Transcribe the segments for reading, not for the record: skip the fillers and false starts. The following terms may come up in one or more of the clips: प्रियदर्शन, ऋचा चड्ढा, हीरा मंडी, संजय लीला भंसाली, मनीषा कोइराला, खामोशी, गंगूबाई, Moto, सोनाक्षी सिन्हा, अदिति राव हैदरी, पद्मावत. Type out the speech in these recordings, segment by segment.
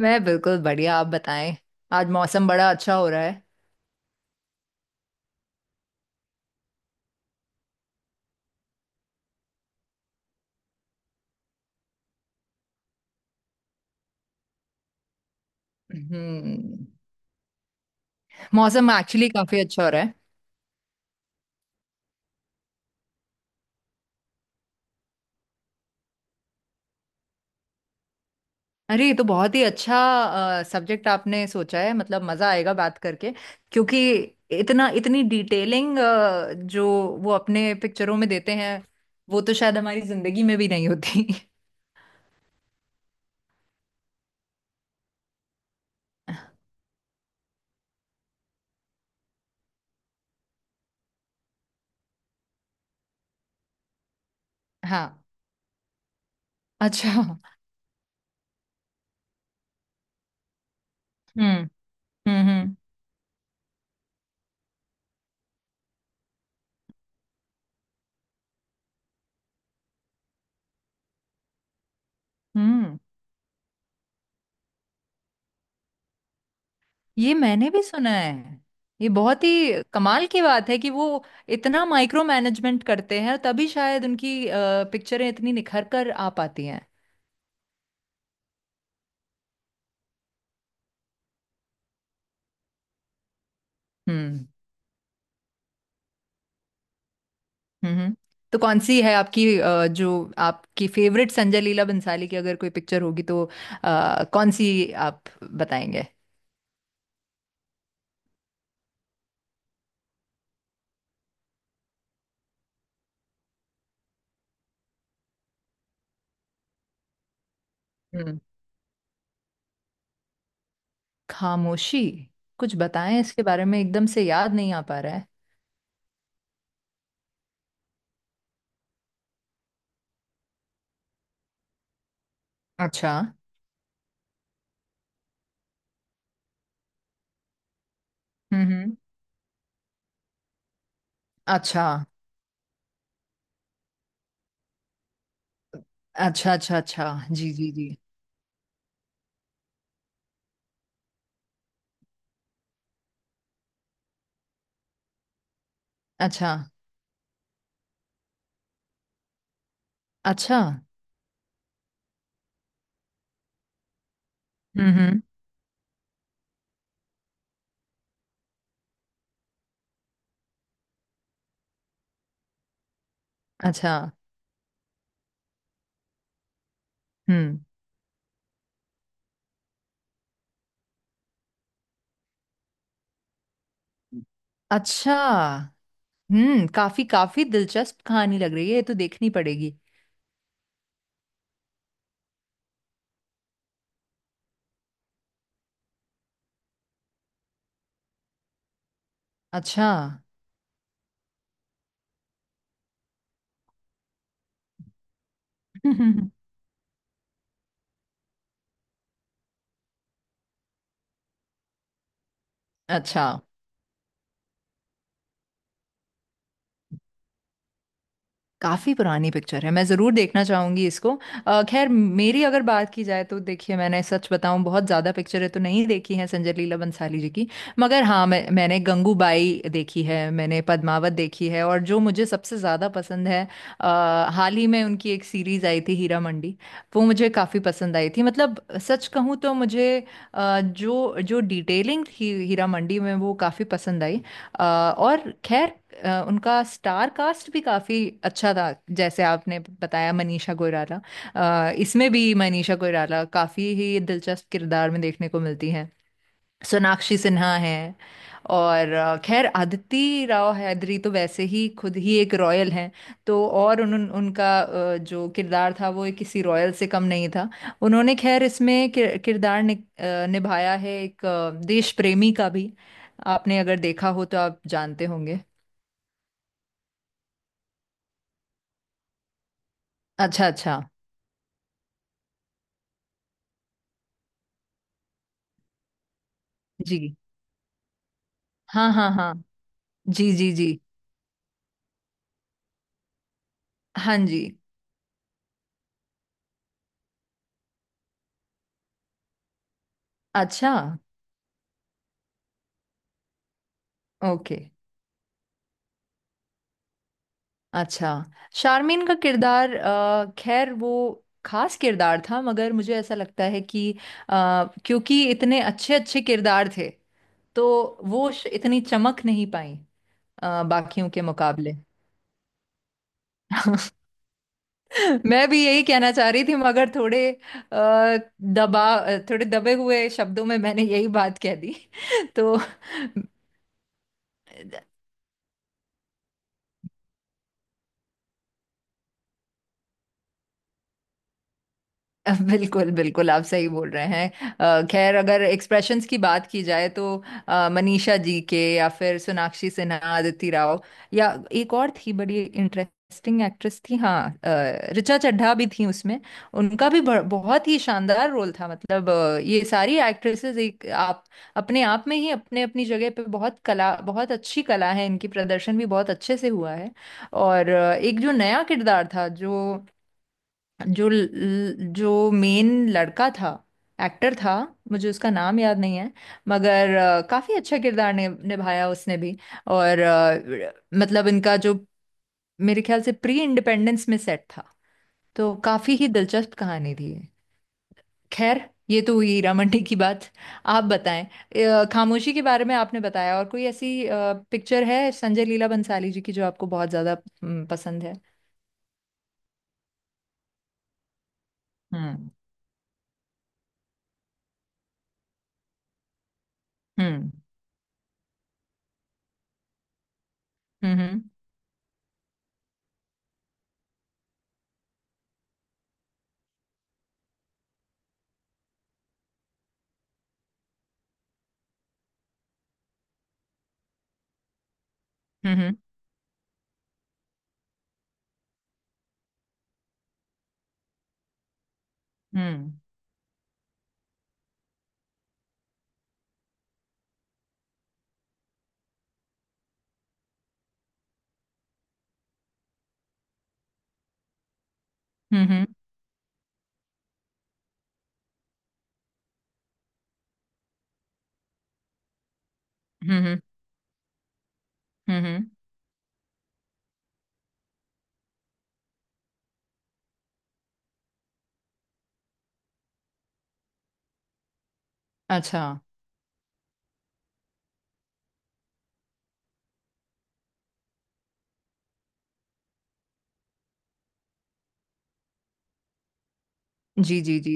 मैं बिल्कुल बढ़िया। आप बताएं। आज मौसम बड़ा अच्छा हो रहा है। हम्म मौसम एक्चुअली काफी अच्छा हो रहा है। अरे ये तो बहुत ही अच्छा सब्जेक्ट आपने सोचा है, मतलब मजा आएगा बात करके। क्योंकि इतना इतनी डिटेलिंग जो वो अपने पिक्चरों में देते हैं, वो तो शायद हमारी जिंदगी में भी नहीं होती हाँ। अच्छा। हम्म। हम्म। हम्म। हम्म। ये मैंने भी सुना है। ये बहुत ही कमाल की बात है कि वो इतना माइक्रो मैनेजमेंट करते हैं, तभी शायद उनकी पिक्चरें इतनी निखर कर आ पाती हैं। हम्म। हम्म। तो कौन सी है आपकी जो आपकी फेवरेट संजय लीला भंसाली की अगर कोई पिक्चर होगी तो कौन सी आप बताएंगे। हम्म। खामोशी। कुछ बताएं इसके बारे में, एकदम से याद नहीं आ पा रहा है। अच्छा। हम्म। हम्म। अच्छा, अच्छा, अच्छा। अच्छा। जी जी जी। अच्छा। अच्छा। हम्म। हम्म। अच्छा। हम्म। अच्छा। हम्म, काफी काफी दिलचस्प कहानी लग रही है, ये तो देखनी पड़ेगी। अच्छा। अच्छा। काफी पुरानी पिक्चर है, मैं जरूर देखना चाहूंगी इसको। खैर, मेरी अगर बात की जाए तो देखिए, मैंने सच बताऊं, बहुत ज्यादा पिक्चरें तो नहीं देखी हैं संजय लीला बंसाली जी की। मगर हाँ, मैंने गंगूबाई देखी है, मैंने पद्मावत देखी है, और जो मुझे सबसे ज्यादा पसंद है, अ, हाल ही में उनकी एक सीरीज आई थी हीरा मंडी, वो मुझे काफी पसंद आई थी। मतलब सच कहूँ तो मुझे जो जो डिटेलिंग थी हीरा मंडी में, वो काफी पसंद आई। और खैर, उनका स्टार कास्ट भी काफी अच्छा था। जैसे आपने बताया, मनीषा कोइराला, इसमें भी मनीषा कोइराला काफी ही दिलचस्प किरदार में देखने को मिलती हैं। सोनाक्षी सिन्हा हैं, और खैर अदिति राव हैदरी तो वैसे ही खुद ही एक रॉयल हैं। तो और उन, उन उनका जो किरदार था, वो किसी रॉयल से कम नहीं था। उन्होंने, खैर इसमें किरदार निभाया है एक देश प्रेमी का भी। आपने अगर देखा हो तो आप जानते होंगे। अच्छा, अच्छा। जी। हाँ हाँ हाँ। जी जी जी। हाँ जी। अच्छा। ओके। अच्छा, शारमीन का किरदार, खैर वो खास किरदार था, मगर मुझे ऐसा लगता है कि अ, क्योंकि इतने अच्छे अच्छे किरदार थे, तो वो इतनी चमक नहीं पाई बाकियों के मुकाबले। मैं भी यही कहना चाह रही थी, मगर थोड़े थोड़े दबे हुए शब्दों में मैंने यही बात कह दी। तो बिल्कुल बिल्कुल, आप सही बोल रहे हैं। खैर, अगर एक्सप्रेशंस की बात की जाए तो मनीषा जी के, या फिर सोनाक्षी सिन्हा, अदिति राव, या एक और थी बड़ी इंटरेस्टिंग एक्ट्रेस थी, हाँ ऋचा चड्ढा भी थी उसमें। उनका भी बहुत ही शानदार रोल था। मतलब ये सारी एक्ट्रेसेस एक आप अपने आप में ही अपने अपनी जगह पे बहुत कला, बहुत अच्छी कला है इनकी, प्रदर्शन भी बहुत अच्छे से हुआ है। और एक जो नया किरदार था, जो जो जो मेन लड़का था, एक्टर था, मुझे उसका नाम याद नहीं है, मगर काफी अच्छा किरदार निभाया उसने भी। और मतलब इनका जो, मेरे ख्याल से प्री इंडिपेंडेंस में सेट था, तो काफी ही दिलचस्प कहानी थी ये। खैर, ये तो हुई हीरा मंडी की बात। आप बताएं, खामोशी के बारे में आपने बताया, और कोई ऐसी पिक्चर है संजय लीला बंसाली जी की जो आपको बहुत ज्यादा, पसंद है। हम्म। हम्म। हम्म। हम्म। हम्म। हम्म। हम्म। हम्म। हम्म। अच्छा। जी जी जी।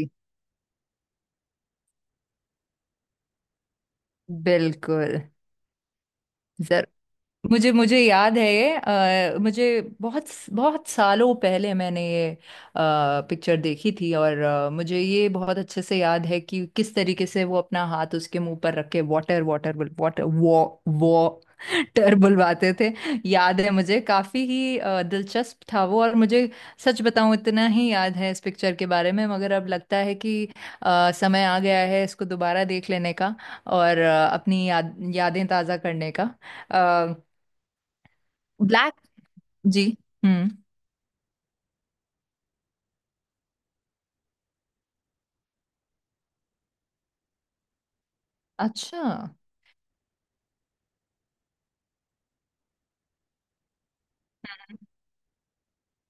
बिल्कुल। जर मुझे मुझे याद है ये। मुझे बहुत बहुत सालों पहले मैंने ये पिक्चर देखी थी, और मुझे ये बहुत अच्छे से याद है कि किस तरीके से वो अपना हाथ उसके मुंह पर रख के वाटर वाटर वाटर वो, डर बुलवाते थे। याद है मुझे, काफी ही दिलचस्प था वो। और मुझे सच बताऊं, इतना ही याद है इस पिक्चर के बारे में। मगर अब लगता है कि समय आ गया है इसको दोबारा देख लेने का और अपनी यादें ताज़ा करने का। ब्लैक। जी। हम्म। अच्छा। हम्म।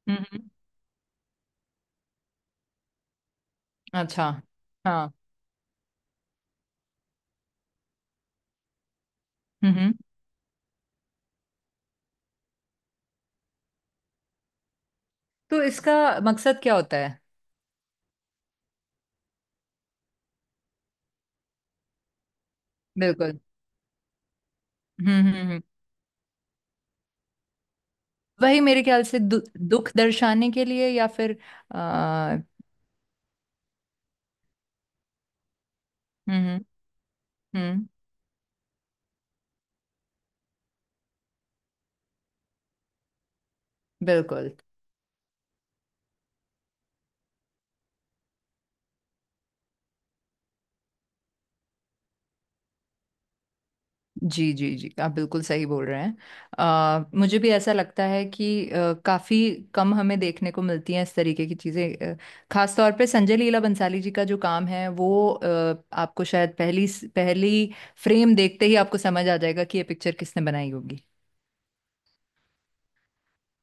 हम्म, अच्छा। हाँ। हम्म। हम्म। तो इसका मकसद क्या होता है। बिल्कुल। हम्म। हम्म। हम्म। वही मेरे ख्याल से दुख दर्शाने के लिए, या फिर आ, हम्म। बिल्कुल। जी जी जी, आप बिल्कुल सही बोल रहे हैं। मुझे भी ऐसा लगता है कि काफी कम हमें देखने को मिलती हैं इस तरीके की चीजें। खास तौर पे संजय लीला बंसाली जी का जो काम है, वो आपको शायद पहली पहली फ्रेम देखते ही आपको समझ आ जाएगा कि ये पिक्चर किसने बनाई होगी,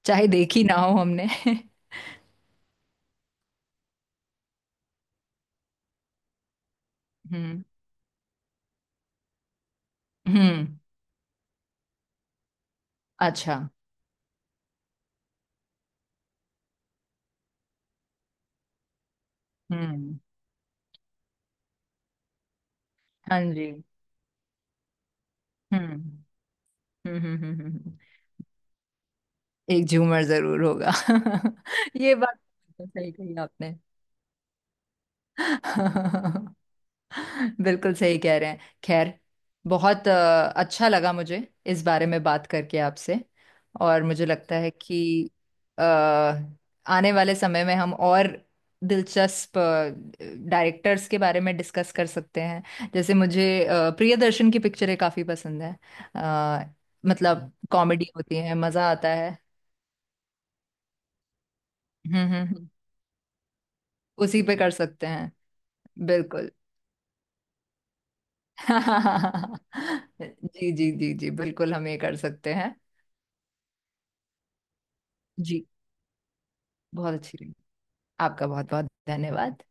चाहे देखी ना हो हमने हम्म। हम्म। अच्छा। हम्म। हाँ जी। हम्म। हम्म। हम्म। हम्म। हम्म, हम्म। एक झूमर जरूर होगा ये बात तो सही कही आपने। बिल्कुल सही कह रहे हैं। खैर, बहुत अच्छा लगा मुझे इस बारे में बात करके आपसे। और मुझे लगता है कि अ, आने वाले समय में हम और दिलचस्प डायरेक्टर्स के बारे में डिस्कस कर सकते हैं। जैसे मुझे प्रियदर्शन की पिक्चरें काफ़ी पसंद हैं, अ, मतलब कॉमेडी होती है, मज़ा आता है। हम्म। हम्म। हम्म। उसी पे कर सकते हैं। बिल्कुल। जी जी जी जी, बिल्कुल, हम ये कर सकते हैं। जी, बहुत अच्छी लगी। आपका बहुत बहुत धन्यवाद।